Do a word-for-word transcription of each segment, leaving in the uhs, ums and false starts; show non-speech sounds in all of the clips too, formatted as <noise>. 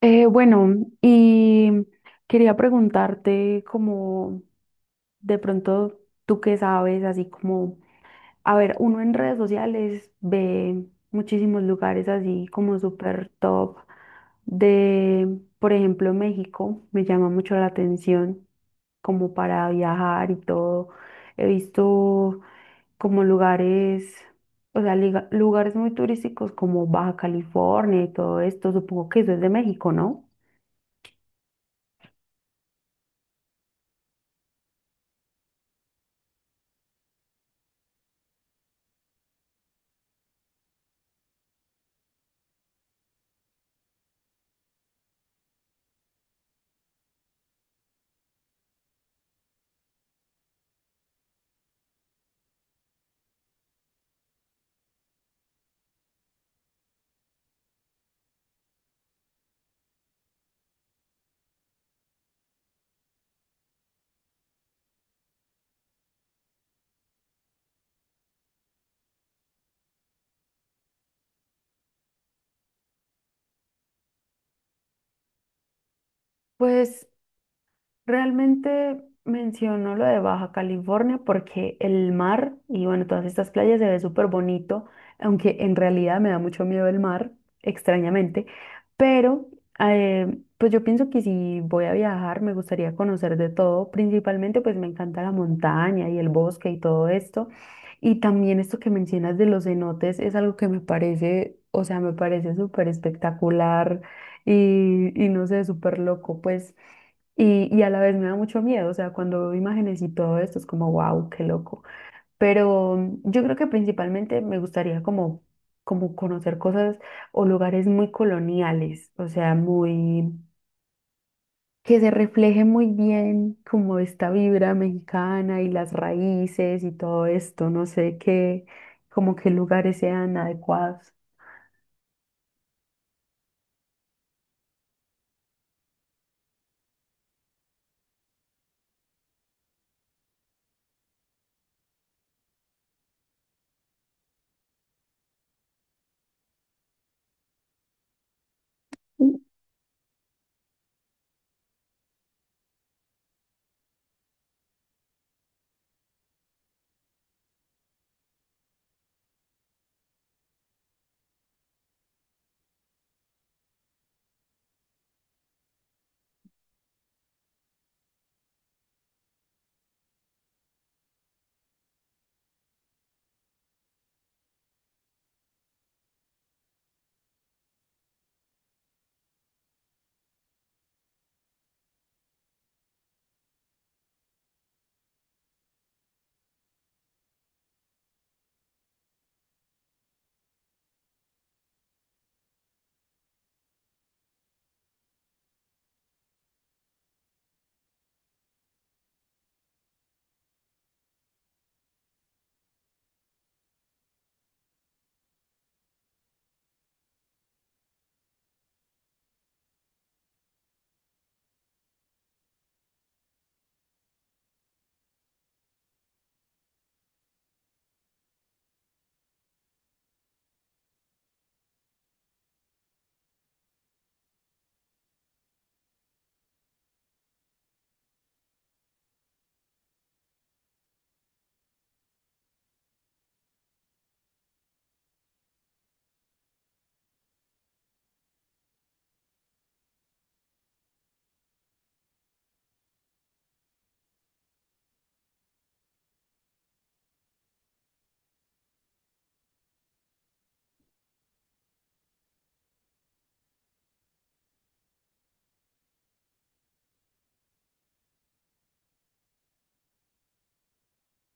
Eh, bueno, y quería preguntarte como de pronto tú qué sabes, así como, a ver, uno en redes sociales ve muchísimos lugares así como súper top de, por ejemplo, México. Me llama mucho la atención como para viajar y todo. He visto como lugares, o sea, liga- lugares muy turísticos como Baja California y todo esto. Supongo que eso es de México, ¿no? Pues realmente menciono lo de Baja California porque el mar y bueno, todas estas playas se ve súper bonito, aunque en realidad me da mucho miedo el mar, extrañamente, pero eh, pues yo pienso que si voy a viajar me gustaría conocer de todo. Principalmente pues me encanta la montaña y el bosque y todo esto, y también esto que mencionas de los cenotes es algo que me parece, o sea, me parece súper espectacular y, y no sé, súper loco, pues. Y, y a la vez me da mucho miedo, o sea, cuando veo imágenes y todo esto es como, wow, qué loco. Pero mm, yo creo que principalmente me gustaría como, como conocer cosas o lugares muy coloniales, o sea, muy, que se refleje muy bien como esta vibra mexicana y las raíces y todo esto, no sé qué, como qué lugares sean adecuados.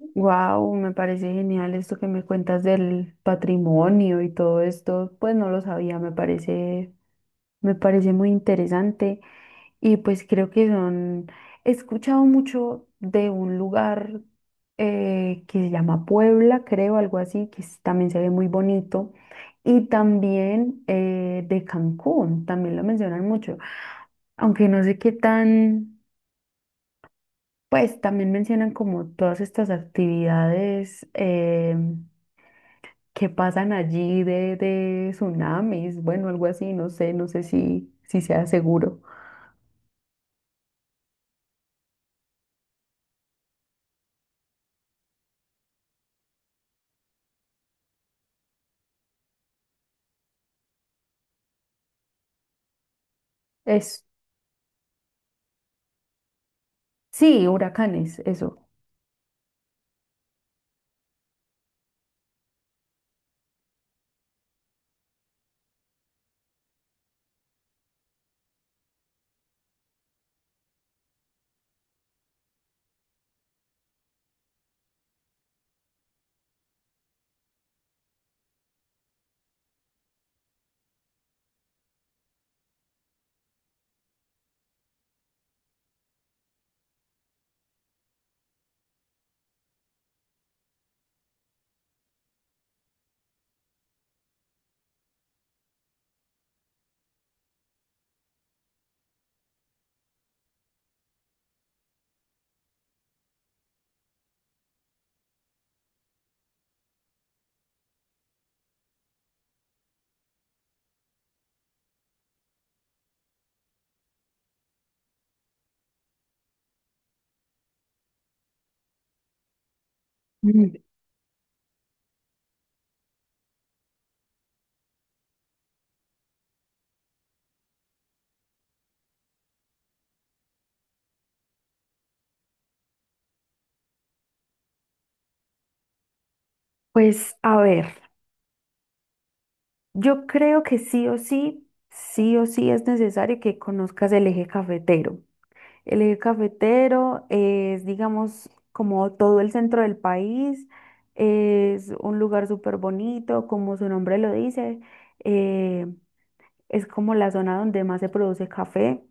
Wow, me parece genial esto que me cuentas del patrimonio y todo esto. Pues no lo sabía. me parece Me parece muy interesante, y pues creo que son, he escuchado mucho de un lugar eh, que se llama Puebla, creo, algo así, que es- también se ve muy bonito. Y también eh, de Cancún, también lo mencionan mucho, aunque no sé qué tan, pues también mencionan como todas estas actividades em, que pasan allí de, de tsunamis, bueno, algo así, no sé, no sé si, si sea seguro. Es, sí, huracanes, eso. Mm, pues a ver, yo creo que sí o sí, sí o sí es necesario que conozcas el eje cafetero. El eje cafetero es, digamos, como todo el centro del país. Es un lugar súper bonito, como su nombre lo dice. eh, es como la zona donde más se produce café,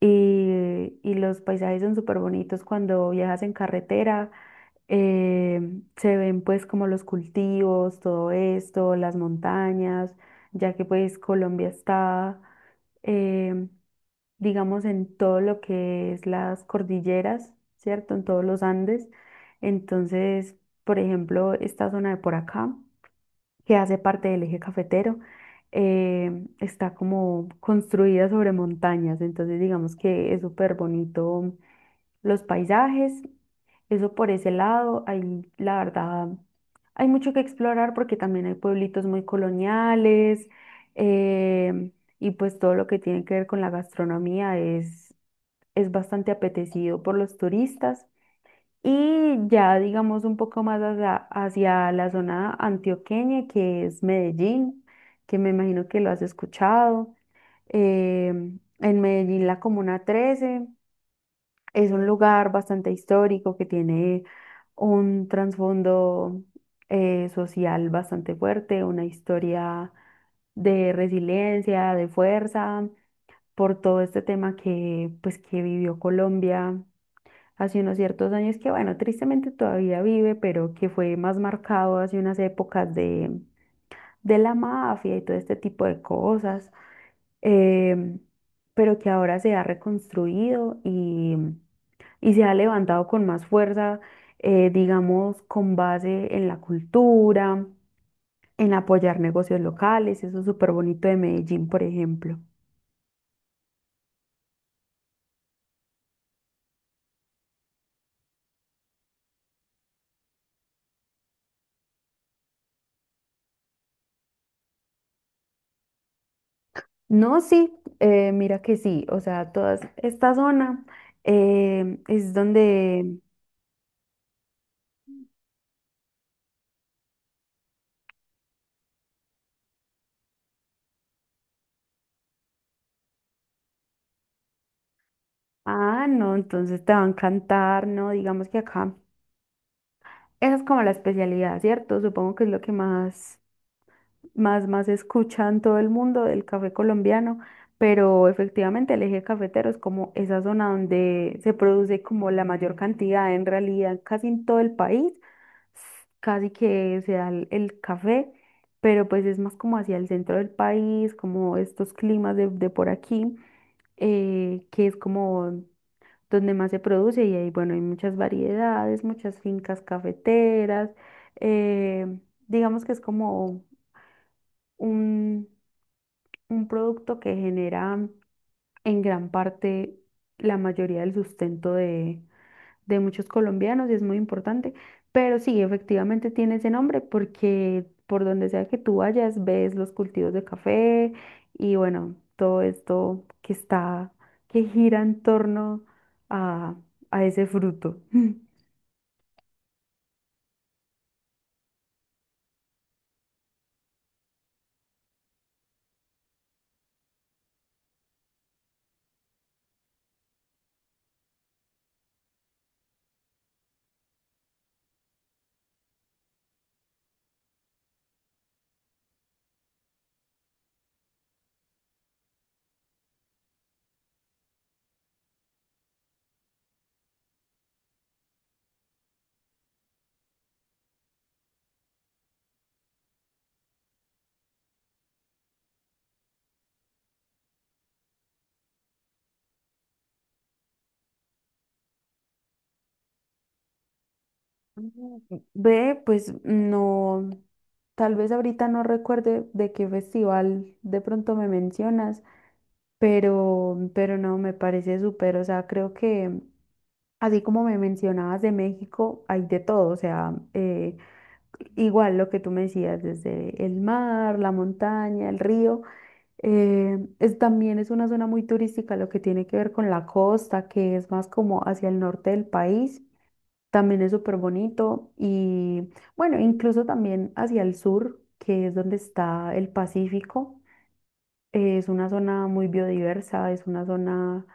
y, y los paisajes son súper bonitos cuando viajas en carretera. eh, Se ven pues como los cultivos, todo esto, las montañas, ya que pues Colombia está em, digamos, en todo lo que es las cordilleras, ¿cierto? En todos los Andes. Entonces, por ejemplo, esta zona de por acá, que hace parte del eje cafetero, eh, está como construida sobre montañas. Entonces, digamos que es súper bonito los paisajes. Eso por ese lado, hay, la verdad, hay mucho que explorar porque también hay pueblitos muy coloniales. em, y pues todo lo que tiene que ver con la gastronomía es es bastante apetecido por los turistas. Y ya digamos un poco más hacia, hacia la zona antioqueña, que es Medellín, que me imagino que lo has escuchado. Em, en Medellín, la Comuna trece es un lugar bastante histórico que tiene un trasfondo eh, social bastante fuerte, una historia de resiliencia, de fuerza, por todo este tema que, pues, que vivió Colombia hace unos ciertos años que, bueno, tristemente todavía vive, pero que fue más marcado hace unas épocas de, de la mafia y todo este tipo de cosas, em, pero que ahora se ha reconstruido y, y se ha levantado con más fuerza, eh, digamos, con base en la cultura, en apoyar negocios locales. Eso es súper bonito de Medellín, por ejemplo. No, sí, eh, mira que sí, o sea, toda esta zona eh, es donde. Ah, no, entonces te va a encantar, ¿no? Digamos que acá, esa es como la especialidad, ¿cierto? Supongo que es lo que más, más, más escuchan todo el mundo del café colombiano, pero efectivamente el eje cafetero es como esa zona donde se produce como la mayor cantidad, en realidad casi en todo el país, casi que se da el, el café, pero pues es más como hacia el centro del país, como estos climas de, de por aquí eh, que es como donde más se produce. Y ahí, bueno, hay muchas variedades, muchas fincas cafeteras. eh, digamos que es como un, un producto que genera en gran parte la mayoría del sustento de, de muchos colombianos y es muy importante. Pero sí, efectivamente tiene ese nombre porque por donde sea que tú vayas, ves los cultivos de café y bueno, todo esto que está, que gira en torno a, a ese fruto. <laughs> Mm, ve, pues no, tal vez ahorita no recuerde de qué festival de pronto me mencionas, pero, pero no, me parece súper, o sea, creo que así como me mencionabas de México, hay de todo, o sea, eh, igual lo que tú me decías, desde el mar, la montaña, el río, eh, es, también es una zona muy turística, lo que tiene que ver con la costa, que es más como hacia el norte del país. También es súper bonito, y bueno, incluso también hacia el sur, que es donde está el Pacífico. Eh, es una zona muy biodiversa, es una zona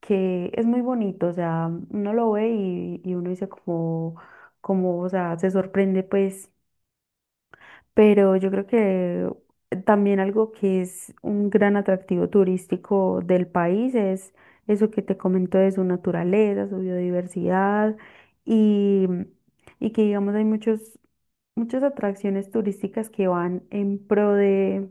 que es muy bonito, o sea, uno lo ve y, y uno dice como, como, o sea, se sorprende pues, pero yo creo que también algo que es un gran atractivo turístico del país es eso que te comento de su naturaleza, su biodiversidad y, y que digamos hay muchos, muchas atracciones turísticas que van en pro de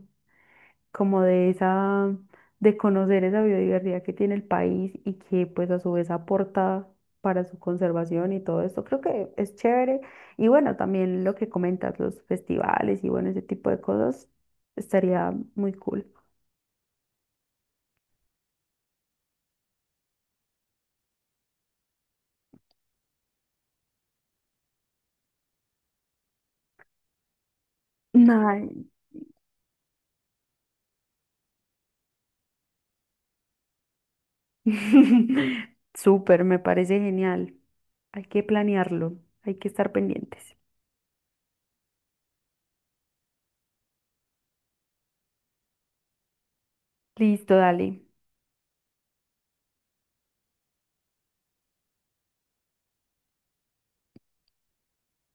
como de esa, de conocer esa biodiversidad que tiene el país y que pues a su vez aporta para su conservación y todo esto. Creo que es chévere. Y bueno, también lo que comentas, los festivales y bueno, ese tipo de cosas, estaría muy cool. Ay. <laughs> Súper, me parece genial. Hay que planearlo, hay que estar pendientes. Listo, dale.